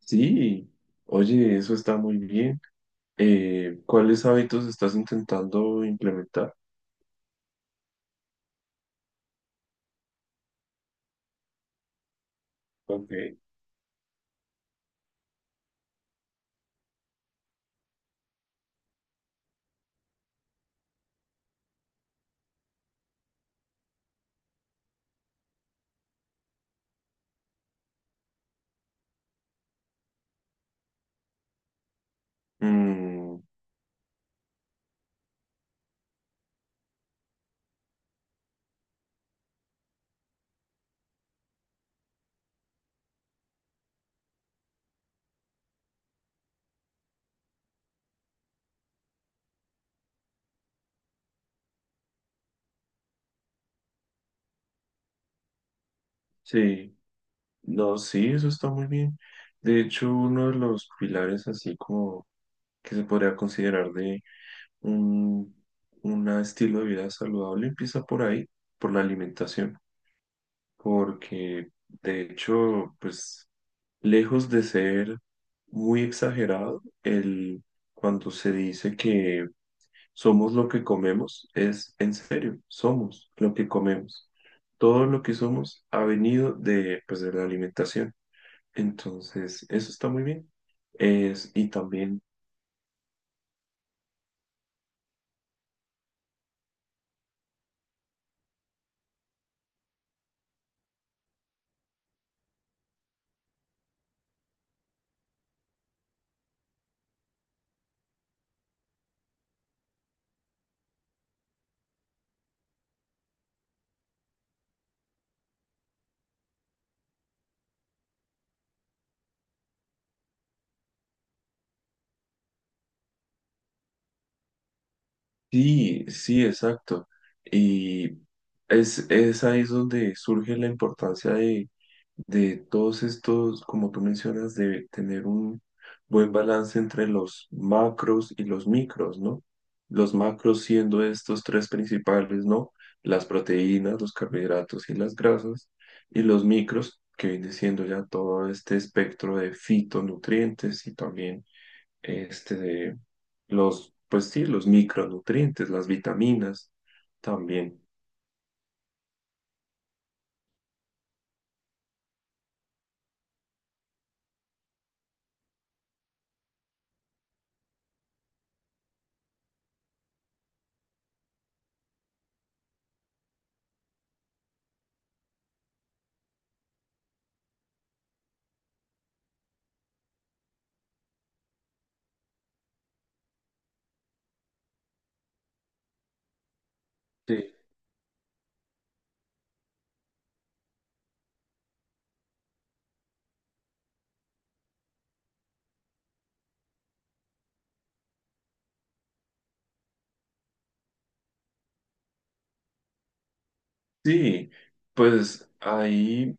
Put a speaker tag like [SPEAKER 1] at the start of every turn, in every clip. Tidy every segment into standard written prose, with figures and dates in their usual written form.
[SPEAKER 1] Sí, oye, eso está muy bien. ¿Cuáles hábitos estás intentando implementar? Ok. Mm, sí, no, sí, eso está muy bien. De hecho, uno de los pilares así como que se podría considerar de un, un estilo de vida saludable empieza por ahí, por la alimentación, porque de hecho, pues lejos de ser muy exagerado, el, cuando se dice que somos lo que comemos, es en serio, somos lo que comemos. Todo lo que somos ha venido de, pues, de la alimentación. Entonces, eso está muy bien. Es, y también sí, sí, exacto. Y es ahí es donde surge la importancia de todos estos, como tú mencionas, de tener un buen balance entre los macros y los micros, ¿no? Los macros siendo estos tres principales, ¿no? Las proteínas, los carbohidratos y las grasas, y los micros, que viene siendo ya todo este espectro de fitonutrientes y también este, pues sí, los micronutrientes, las vitaminas también. Sí. Sí, pues ahí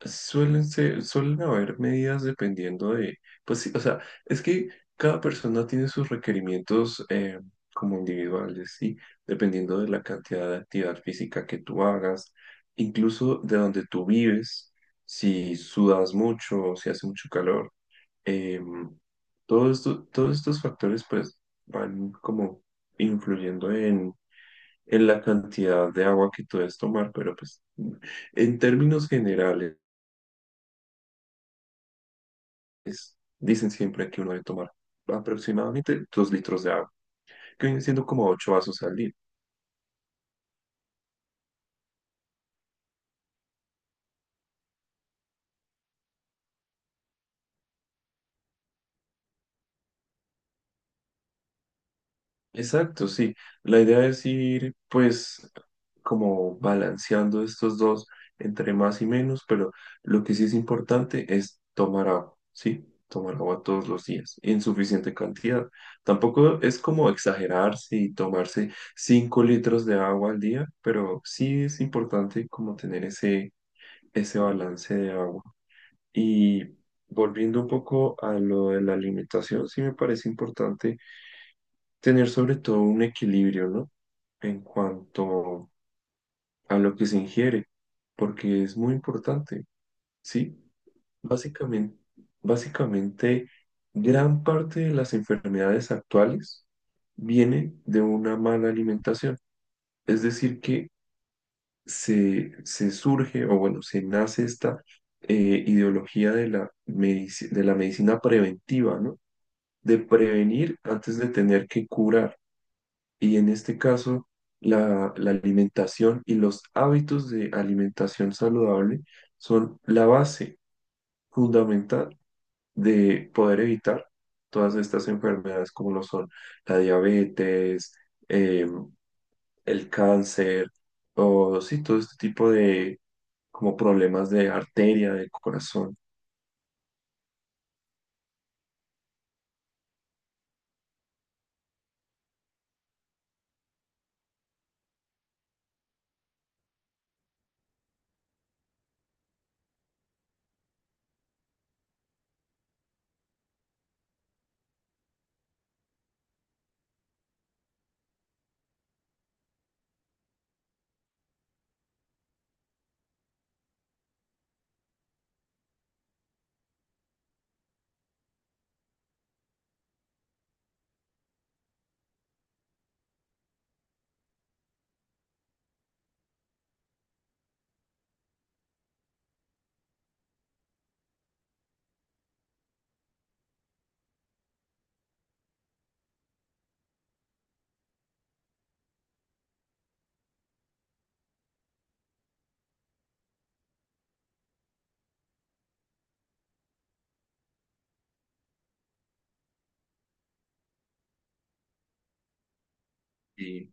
[SPEAKER 1] suelen ser, suelen haber medidas dependiendo de, pues sí, o sea, es que cada persona tiene sus requerimientos como individuales, sí, dependiendo de la cantidad de actividad física que tú hagas, incluso de donde tú vives, si sudas mucho, si hace mucho calor. Em, Todos estos factores pues van como influyendo en la cantidad de agua que tú debes tomar, pero pues en términos generales dicen siempre que uno debe tomar aproximadamente 2 litros de agua, que vienen siendo como 8 vasos al día. Exacto, sí. La idea es ir, pues, como balanceando estos dos entre más y menos, pero lo que sí es importante es tomar agua, ¿sí? Tomar agua todos los días, en suficiente cantidad. Tampoco es como exagerarse y tomarse 5 litros de agua al día, pero sí es importante como tener ese, ese balance de agua. Y volviendo un poco a lo de la alimentación, sí me parece importante tener sobre todo un equilibrio, ¿no? En cuanto a lo que se ingiere, porque es muy importante, ¿sí? Básicamente, básicamente, gran parte de las enfermedades actuales viene de una mala alimentación. Es decir, que se surge, o bueno, se nace esta ideología de la, de la medicina preventiva, ¿no? De prevenir antes de tener que curar. Y en este caso, la alimentación y los hábitos de alimentación saludable son la base fundamental de poder evitar todas estas enfermedades como lo son la diabetes, eh, el cáncer o sí, todo este tipo de como problemas de arteria, del corazón. Y,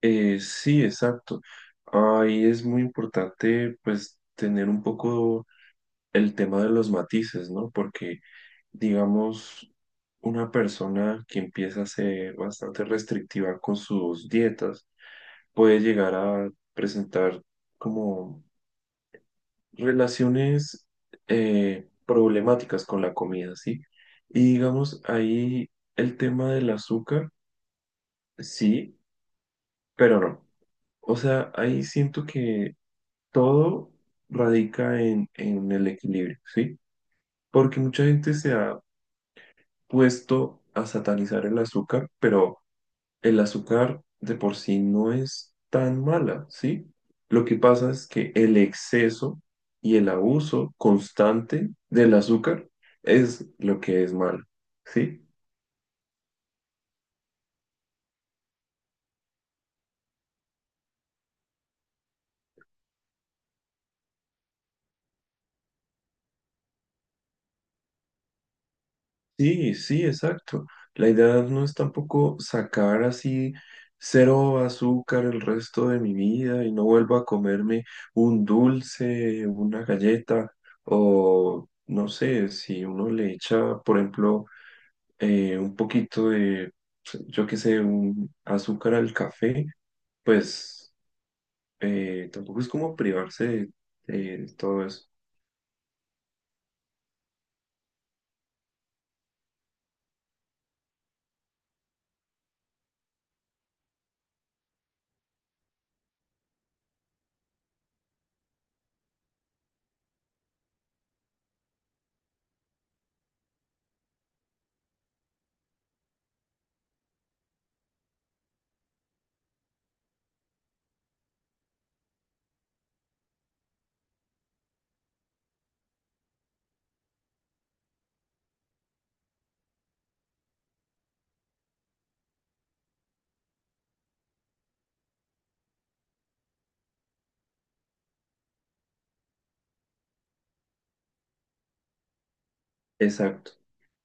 [SPEAKER 1] sí, exacto. Ahí es muy importante pues tener un poco el tema de los matices, ¿no? Porque digamos, una persona que empieza a ser bastante restrictiva con sus dietas puede llegar a presentar como relaciones problemáticas con la comida, ¿sí? Y digamos, ahí el tema del azúcar, sí, pero no. O sea, ahí siento que todo radica en el equilibrio, ¿sí? Porque mucha gente se ha puesto a satanizar el azúcar, pero el azúcar de por sí no es tan mala, ¿sí? Lo que pasa es que el exceso y el abuso constante del azúcar es lo que es malo, ¿sí? Sí, sí, exacto. La idea no es tampoco sacar así cero azúcar el resto de mi vida y no vuelvo a comerme un dulce, una galleta o no sé, si uno le echa, por ejemplo, un poquito de, pues, yo qué sé, un azúcar al café, pues tampoco es como privarse de, de todo eso. Exacto.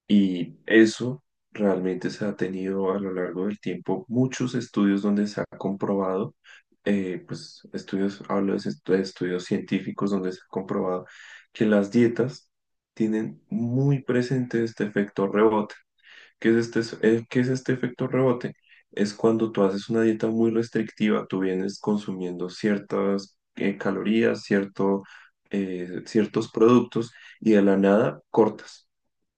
[SPEAKER 1] Y eso realmente se ha tenido a lo largo del tiempo muchos estudios donde se ha comprobado, pues estudios, hablo de de estudios científicos donde se ha comprobado que las dietas tienen muy presente este efecto rebote. ¿Qué es qué es este efecto rebote? Es cuando tú haces una dieta muy restrictiva, tú vienes consumiendo ciertas calorías, cierto, ciertos productos y de la nada cortas,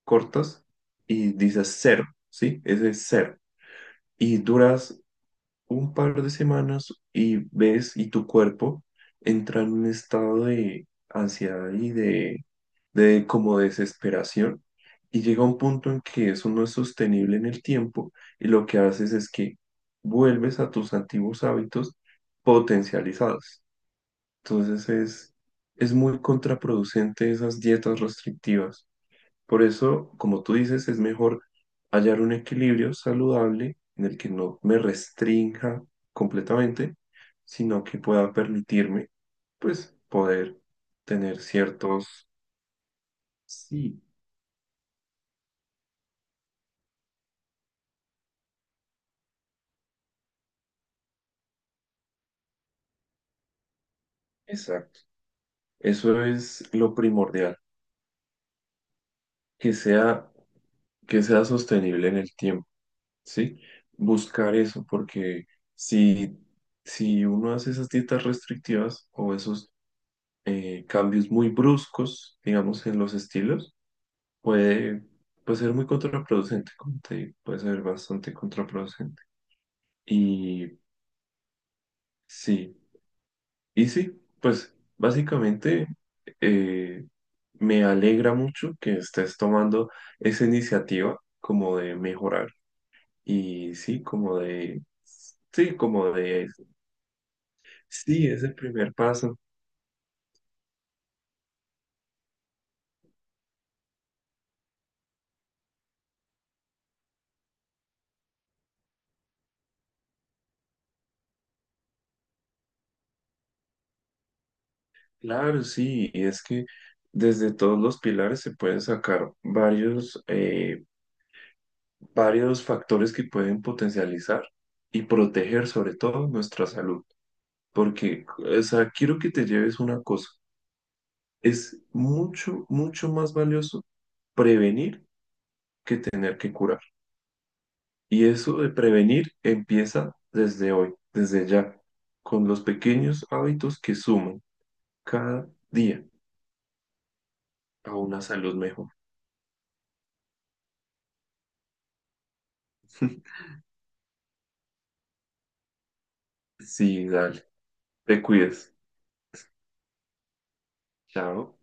[SPEAKER 1] cortas y dices cero, ¿sí? Ese es cero. Y duras un par de semanas y ves y tu cuerpo entra en un estado de ansiedad y de como desesperación y llega un punto en que eso no es sostenible en el tiempo y lo que haces es que vuelves a tus antiguos hábitos potencializados. Entonces es muy contraproducente esas dietas restrictivas. Por eso, como tú dices, es mejor hallar un equilibrio saludable en el que no me restrinja completamente, sino que pueda permitirme, pues, poder tener ciertos... Sí, exacto. Eso es lo primordial, que sea, que sea sostenible en el tiempo, ¿sí? Buscar eso, porque si, si uno hace esas dietas restrictivas o esos cambios muy bruscos, digamos, en los estilos, puede, puede ser muy contraproducente, como te digo, puede ser bastante contraproducente. Y sí, y sí, pues básicamente eh, me alegra mucho que estés tomando esa iniciativa como de mejorar y sí, como de, sí, como de, sí, es el primer paso. Claro, sí, y es que desde todos los pilares se pueden sacar varios, varios factores que pueden potencializar y proteger sobre todo nuestra salud. Porque, o sea, quiero que te lleves una cosa. Es mucho, mucho más valioso prevenir que tener que curar. Y eso de prevenir empieza desde hoy, desde ya, con los pequeños hábitos que suman cada día a una salud mejor. Sí, dale. Te cuides. Chao.